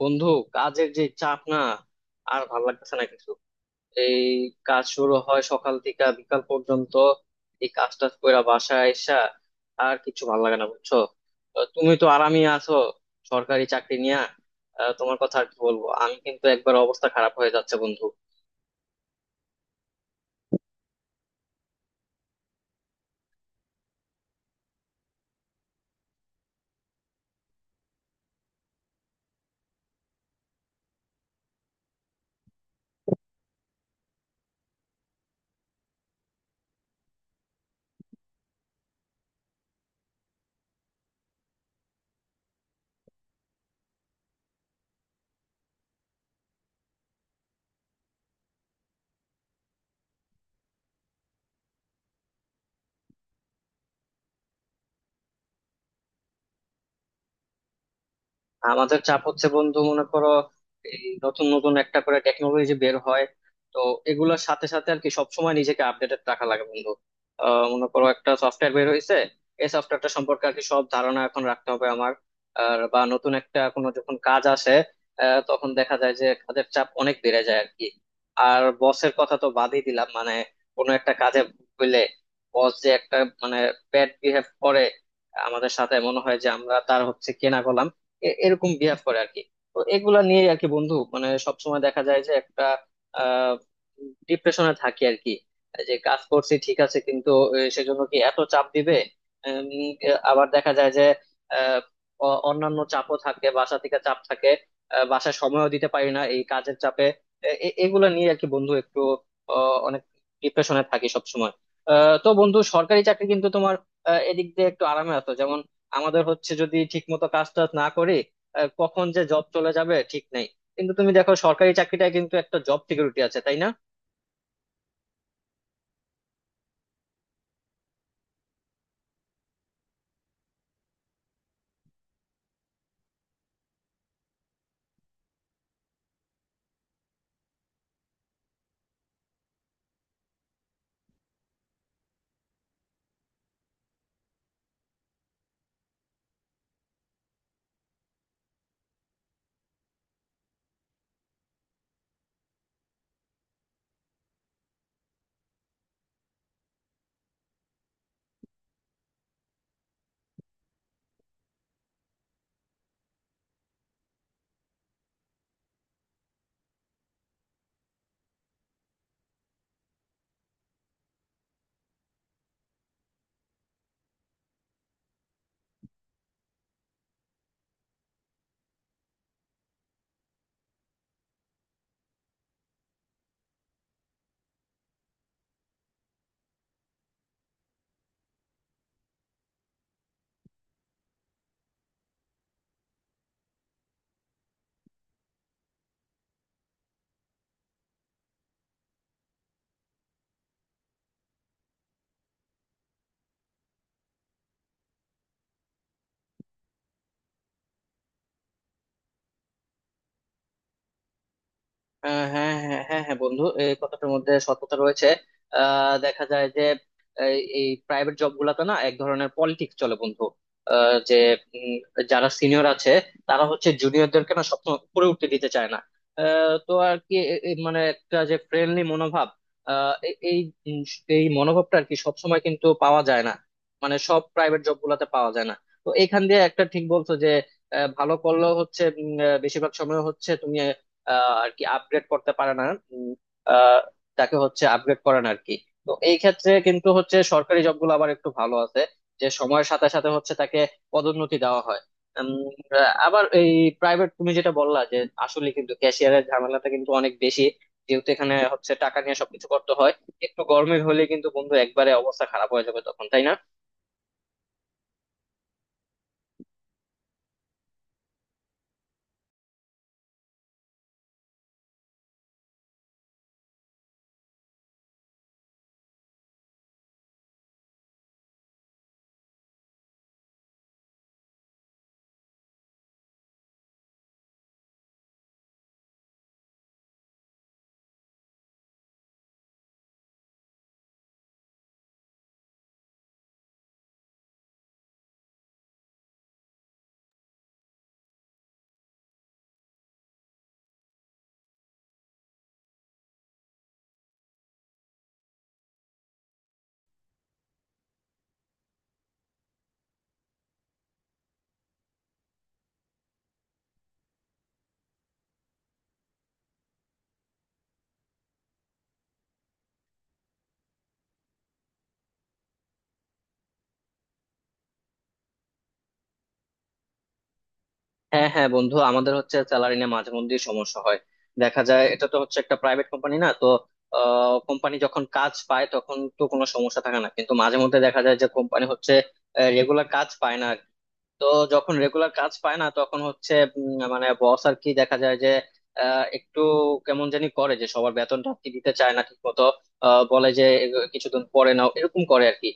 বন্ধু, কাজের যে চাপ না, আর ভাল লাগতেছে না কিছু। এই কাজ শুরু হয় সকাল থেকে বিকাল পর্যন্ত। এই কাজ টাজ কইরা বাসায় আইসা আর কিছু ভাল লাগে না, বুঝছো। তুমি তো আরামে আছো সরকারি চাকরি নিয়া। তোমার কথা আর কি বলবো, আমি কিন্তু একবার অবস্থা খারাপ হয়ে যাচ্ছে বন্ধু। আমাদের চাপ হচ্ছে বন্ধু, মনে করো এই নতুন নতুন একটা করে টেকনোলজি বের হয়। তো এগুলোর সাথে সাথে আর কি সবসময় নিজেকে আপডেটেড রাখা লাগে বন্ধু। মনে করো একটা সফটওয়্যার বের হয়েছে। এই সফটওয়্যারটা সম্পর্কে আর কি সব ধারণা এখন রাখতে হবে আমার। আর বা নতুন একটা কোনো যখন কাজ আসে, তখন দেখা যায় যে কাজের চাপ অনেক বেড়ে যায় আর কি। আর বসের কথা তো বাদই দিলাম, মানে কোনো একটা কাজে হইলে বস যে একটা, মানে, ব্যাড বিহেভ করে আমাদের সাথে, মনে হয় যে আমরা তার হচ্ছে কেনা গোলাম। এরকম বিহেভ করে আর কি। তো এগুলা নিয়ে আর কি বন্ধু, মানে সবসময় দেখা যায় যে একটা আহ ডিপ্রেশনে থাকি আর কি। যে কাজ করছি ঠিক আছে, কিন্তু সেজন্য কি এত চাপ দিবে। উম, আবার দেখা যায় যে আহ, অন্যান্য চাপও থাকে, বাসা থেকে চাপ থাকে। বাসায় সময়ও দিতে পারি না এই কাজের চাপে। এগুলা নিয়ে আর কি বন্ধু, একটু অনেক ডিপ্রেশনে থাকি সবসময়। তো বন্ধু, সরকারি চাকরি কিন্তু তোমার এদিক দিয়ে একটু আরামে আছো যেমন। আমাদের হচ্ছে যদি ঠিক মতো কাজ টাজ না করি, কখন যে জব চলে যাবে ঠিক নেই। কিন্তু তুমি দেখো সরকারি চাকরিটায় কিন্তু একটা জব সিকিউরিটি আছে, তাই না? আহ, হ্যাঁ, হ্যাঁ, হ্যাঁ, হ্যাঁ বন্ধু, এই কথাটার মধ্যে সত্যতা রয়েছে। দেখা যায় যে এই প্রাইভেট জব গুলাতে না এক ধরনের পলিটিক্স চলে বন্ধু। যে উম, যারা সিনিয়র আছে তারা হচ্ছে জুনিয়রদেরকে না সবসময় উপরে উঠতে দিতে চায় না। তো আর কি মানে একটা যে ফ্রেন্ডলি মনোভাব, এই উম, এই মনোভাবটা আর কি সবসময় কিন্তু পাওয়া যায় না। মানে সব প্রাইভেট জব গুলাতে পাওয়া যায় না। তো এইখান দিয়ে একটা ঠিক বলছো যে ভালো করলেও হচ্ছে বেশিরভাগ সময় হচ্ছে তুমি আর কি আপগ্রেড করতে পারে না। উম, আহ, তাকে হচ্ছে আপগ্রেড করে না আর কি। তো এই ক্ষেত্রে কিন্তু হচ্ছে সরকারি জবগুলো আবার একটু ভালো আছে যে সময়ের সাথে সাথে হচ্ছে তাকে পদোন্নতি দেওয়া হয়। উম, আবার এই প্রাইভেট তুমি যেটা বললা যে আসলে কিন্তু ক্যাশিয়ারের ঝামেলাটা কিন্তু অনেক বেশি, যেহেতু এখানে হচ্ছে টাকা নিয়ে সবকিছু করতে হয়। একটু গরমের হলে কিন্তু বন্ধু একবারে অবস্থা খারাপ হয়ে যাবে তখন, তাই না? হ্যাঁ, হ্যাঁ বন্ধু, আমাদের হচ্ছে স্যালারি নিয়ে মাঝে মধ্যেই সমস্যা হয়। দেখা যায় এটা তো হচ্ছে একটা প্রাইভেট কোম্পানি না তো। কোম্পানি যখন কাজ পায় তখন তো কোনো সমস্যা থাকে না, কিন্তু মাঝে মধ্যে দেখা যায় যে কোম্পানি হচ্ছে রেগুলার কাজ পায় না। তো যখন রেগুলার কাজ পায় না তখন হচ্ছে মানে বস আর কি দেখা যায় যে একটু কেমন জানি করে যে সবার বেতনটা আর কি দিতে চায় না ঠিক মতো। বলে যে কিছুদিন পরে নাও, এরকম করে আর কি।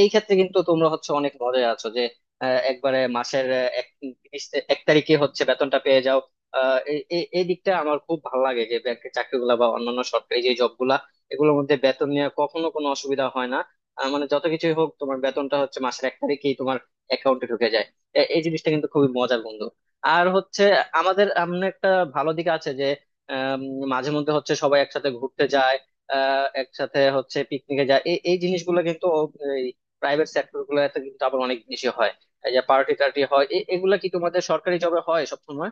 এই ক্ষেত্রে কিন্তু তোমরা হচ্ছে অনেক মজায় আছো যে একবারে মাসের এক তারিখে হচ্ছে বেতনটা পেয়ে যাও। এই এই এই দিকটা আমার খুব ভালো লাগে যে ব্যাংকের চাকরিগুলা বা অন্যান্য সরকারি যে জবগুলা, এগুলোর মধ্যে বেতন নিয়ে কখনো কোনো অসুবিধা হয় না। মানে যত কিছুই হোক তোমার বেতনটা হচ্ছে মাসের এক তারিখেই তোমার অ্যাকাউন্টে ঢুকে যায়। এই জিনিসটা কিন্তু খুবই মজার বন্ধু। আর হচ্ছে আমাদের এমন একটা ভালো দিক আছে যে আম, মাঝে মধ্যে হচ্ছে সবাই একসাথে ঘুরতে যায়। একসাথে হচ্ছে পিকনিকে যায়, এই এই জিনিসগুলো কিন্তু প্রাইভেট সেক্টর গুলোতে কিন্তু আবার অনেক বেশি হয়। এই যে পার্টি টার্টি হয়, এগুলা কি তোমাদের সরকারি জবে হয় সবসময়?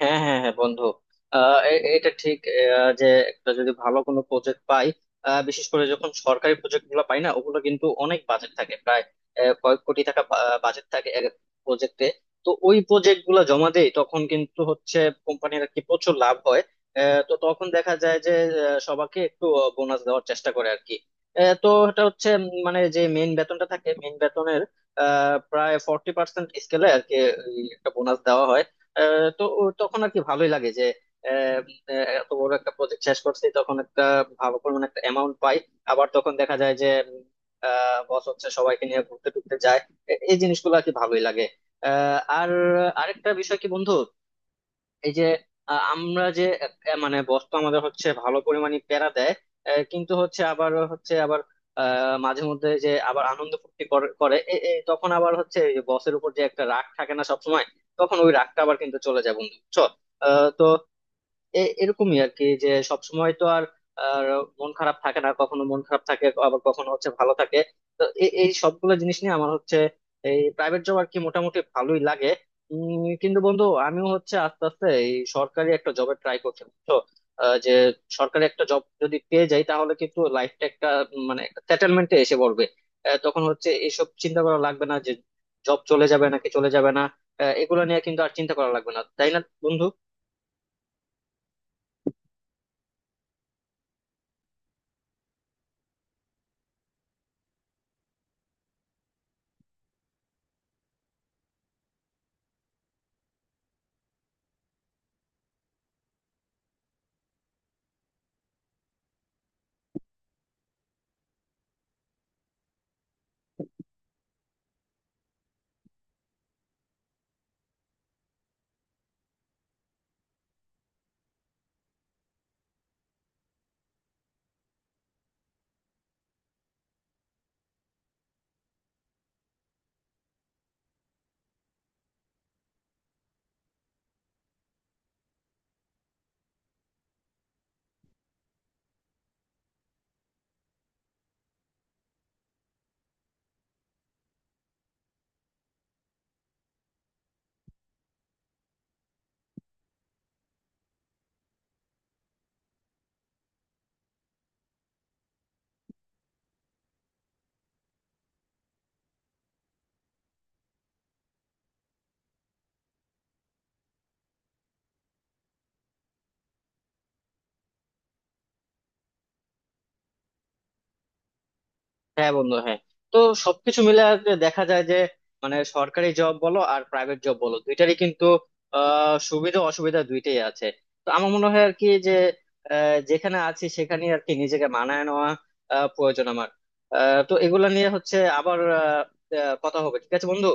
হ্যাঁ, হ্যাঁ, হ্যাঁ বন্ধু। এটা ঠিক, যে একটা যদি ভালো কোনো প্রজেক্ট পাই, বিশেষ করে যখন সরকারি প্রজেক্ট গুলো পাই না, ওগুলো কিন্তু অনেক বাজেট থাকে প্রায়। কয়েক কোটি টাকা বাজেট থাকে এক প্রজেক্টে। তো ওই প্রজেক্ট গুলো জমা দেই তখন কিন্তু হচ্ছে কোম্পানির আর কি প্রচুর লাভ হয়। তো তখন দেখা যায় যে সবাইকে একটু বোনাস দেওয়ার চেষ্টা করে আর কি। তো এটা হচ্ছে মানে যে মেইন বেতনটা থাকে, মেইন বেতনের প্রায় 40% স্কেলে আর কি এই একটা বোনাস দেওয়া হয়। তো তখন আর কি ভালোই লাগে যে আহ, এত বড় একটা প্রজেক্ট শেষ করছি, তখন একটা ভালো পরিমাণ একটা অ্যামাউন্ট পাই। আবার তখন দেখা যায় যে বস হচ্ছে সবাইকে নিয়ে ঘুরতে টুরতে যায়। এই জিনিসগুলো আর কি ভালোই লাগে। আর আরেকটা বিষয় কি বন্ধু, এই যে আমরা যে মানে বস তো আমাদের হচ্ছে ভালো পরিমাণে প্যারা দেয়। কিন্তু হচ্ছে আবার মাঝে মধ্যে যে আবার আনন্দ ফুর্তি করে করে, এ- এ তখন আবার হচ্ছে বসের উপর যে একটা রাগ থাকে না সবসময়, তখন ওই রাগটা আবার কিন্তু চলে যায় বন্ধু, বুঝছো। তো এরকমই আর কি যে সব সময় তো আর আর মন খারাপ থাকে না, কখনো মন খারাপ থাকে আবার কখনো হচ্ছে ভালো থাকে। তো এই সবগুলো জিনিস নিয়ে আমার হচ্ছে এই প্রাইভেট জব আর কি মোটামুটি ভালোই লাগে। কিন্তু বন্ধু আমিও হচ্ছে আস্তে আস্তে এই সরকারি একটা জবে ট্রাই করছি। তো যে সরকারি একটা জব যদি পেয়ে যাই তাহলে কিন্তু লাইফটা একটা মানে একটা সেটেলমেন্টে এসে পড়বে। তখন হচ্ছে এসব চিন্তা করা লাগবে না যে জব চলে যাবে নাকি চলে যাবে না। এগুলো নিয়ে কিন্তু আর চিন্তা করা লাগবে না, তাই না বন্ধু? হ্যাঁ বন্ধু, হ্যাঁ। তো সবকিছু মিলে আর কি দেখা যায় যে মানে সরকারি জব বলো আর প্রাইভেট জব বলো দুইটারই কিন্তু সুবিধা অসুবিধা দুইটাই আছে। তো আমার মনে হয় আর কি যে যেখানে আছি সেখানে আর কি নিজেকে মানায় নেওয়া প্রয়োজন আমার। তো এগুলা নিয়ে হচ্ছে আবার কথা হবে, ঠিক আছে বন্ধু।